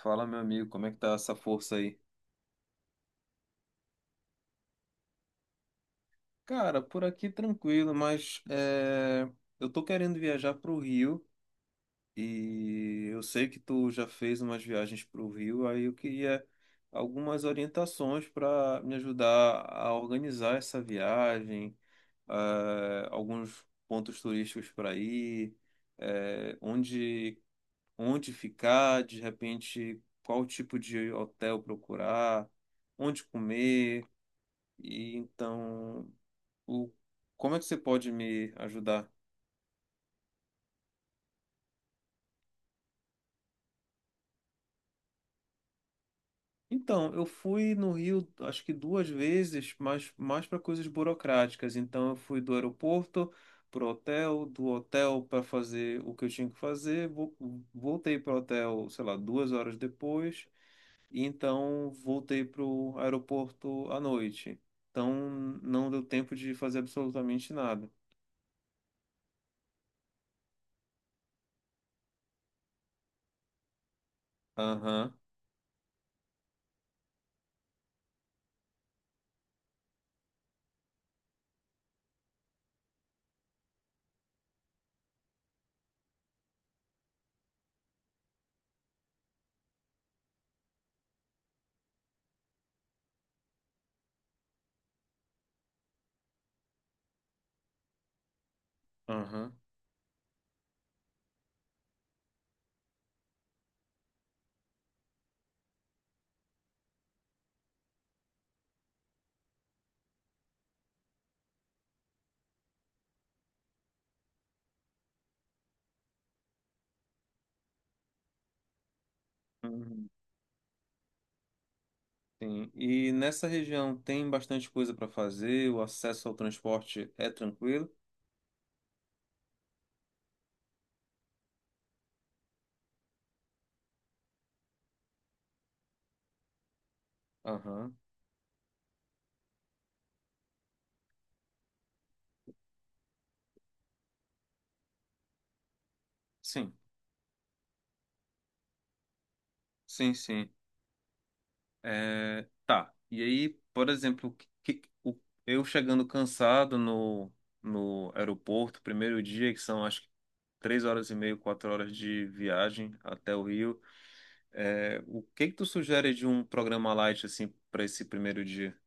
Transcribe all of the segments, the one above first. Fala, meu amigo, como é que tá essa força aí? Cara, por aqui tranquilo, mas eu tô querendo viajar pro Rio e eu sei que tu já fez umas viagens pro Rio, aí eu queria algumas orientações para me ajudar a organizar essa viagem, alguns pontos turísticos para ir, é, onde, onde ficar, de repente, qual tipo de hotel procurar, onde comer. E então, o... como é que você pode me ajudar? Então, eu fui no Rio, acho que duas vezes, mas mais para coisas burocráticas. Então, eu fui do aeroporto para o hotel, do hotel para fazer o que eu tinha que fazer, voltei para o hotel, sei lá, duas horas depois, e então voltei para o aeroporto à noite. Então, não deu tempo de fazer absolutamente nada. Aham, aham. Sim, e nessa região tem bastante coisa para fazer, o acesso ao transporte é tranquilo? Aham. Sim, sim, sim. Tá, e aí, por exemplo, que- o- eu chegando cansado no aeroporto, primeiro dia, que são acho que três horas e meia, quatro horas de viagem até o Rio, o que que tu sugere de um programa light, assim, para esse primeiro dia?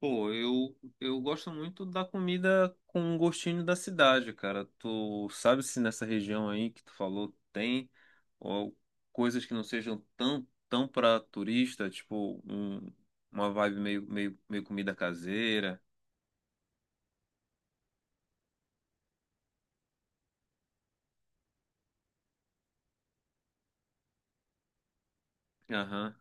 Pô, eu gosto muito da comida com um gostinho da cidade, cara. Tu sabe se nessa região aí que tu falou tem ó, coisas que não sejam tão pra turista, uma vibe meio comida caseira. Aham.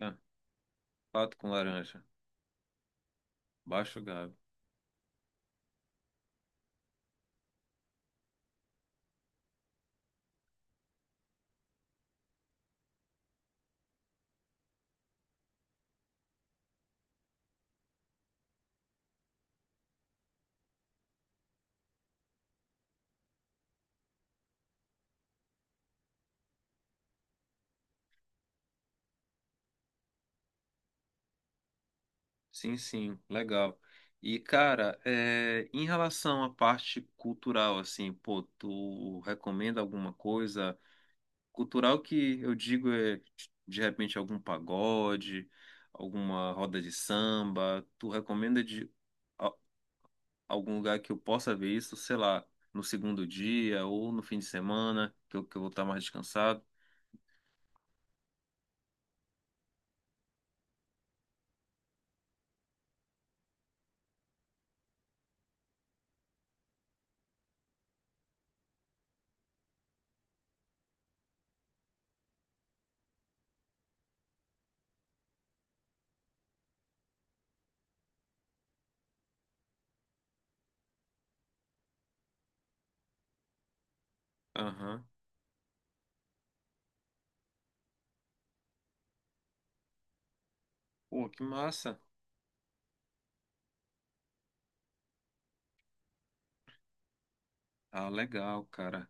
É, pato com laranja, baixo Gabi. Sim, sim, legal. E, cara, é, em relação à parte cultural, assim, pô, tu recomenda alguma coisa? Cultural que eu digo é, de repente, algum pagode, alguma roda de samba. Tu recomenda a- algum lugar que eu possa ver isso, sei lá, no segundo dia ou no fim de semana, que eu vou estar mais descansado? Aham. Pô, que massa. Ah, legal, cara.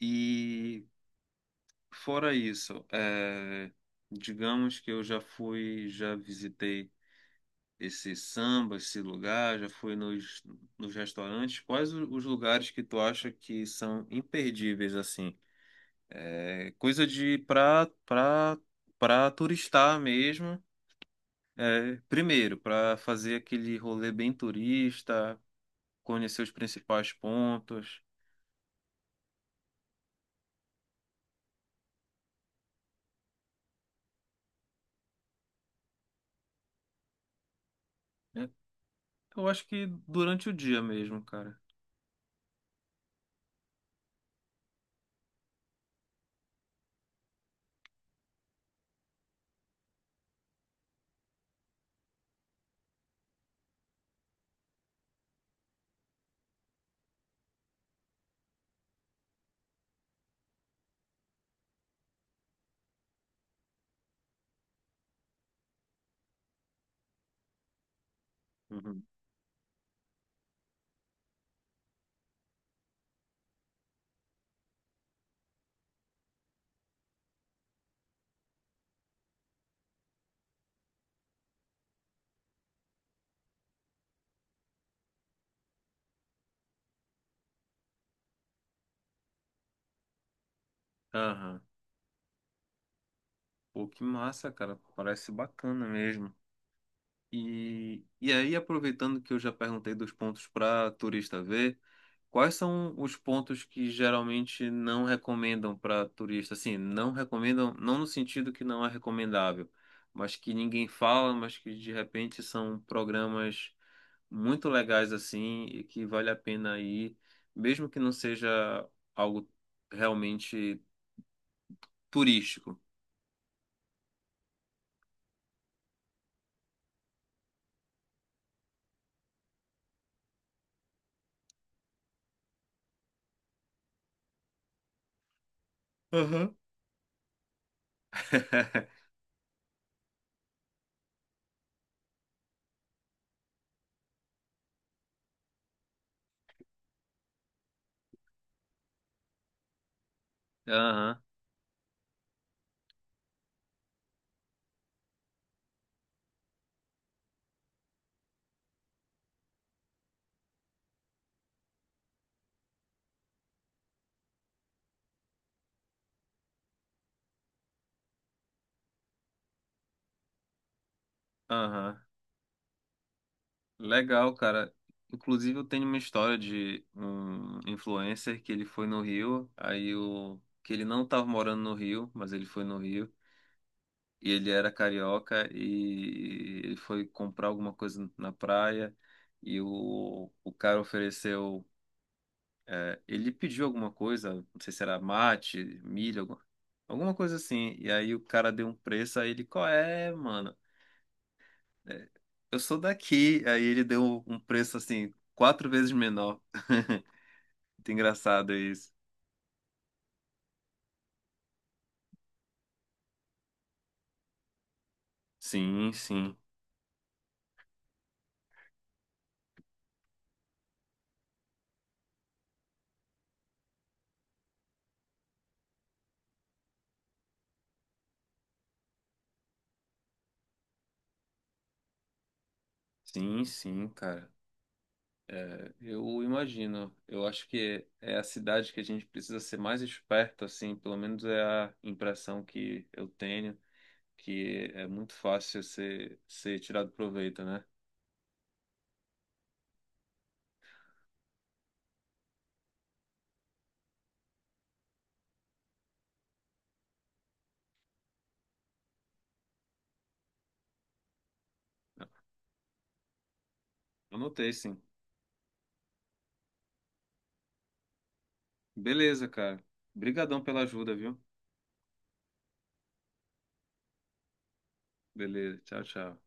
E fora isso, é, digamos que eu já fui, já visitei esse samba, esse lugar, já foi nos restaurantes. Quais os lugares que tu acha que são imperdíveis, assim? É coisa pra turistar mesmo. É, primeiro, para fazer aquele rolê bem turista, conhecer os principais pontos. Né? Eu acho que durante o dia mesmo, cara. Uhum. Aham. Pô, que massa, cara. Parece bacana mesmo. E aí, aproveitando que eu já perguntei dos pontos para turista ver, quais são os pontos que geralmente não recomendam para turista? Assim, não recomendam, não no sentido que não é recomendável, mas que ninguém fala, mas que de repente são programas muito legais assim e que vale a pena ir, mesmo que não seja algo realmente turístico. Aham. Aham, aham. Legal, cara. Inclusive, eu tenho uma história de um influencer que ele foi no Rio, aí o que ele não estava morando no Rio, mas ele foi no Rio, e ele era carioca e ele foi comprar alguma coisa na praia e o cara ofereceu, é, ele pediu alguma coisa, não sei se era mate, milho, alguma coisa assim, e aí o cara deu um preço, aí ele, qual é, mano? É, eu sou daqui. Aí ele deu um preço assim, quatro vezes menor. Muito engraçado isso. Sim, sim. Sim, sim, cara. É, eu imagino. Eu acho que é a cidade que a gente precisa ser mais esperto, assim. Pelo menos é a impressão que eu tenho, que é muito fácil ser tirado proveito, né? Anotei, sim. Beleza, cara. Obrigadão pela ajuda, viu? Beleza. Tchau, tchau.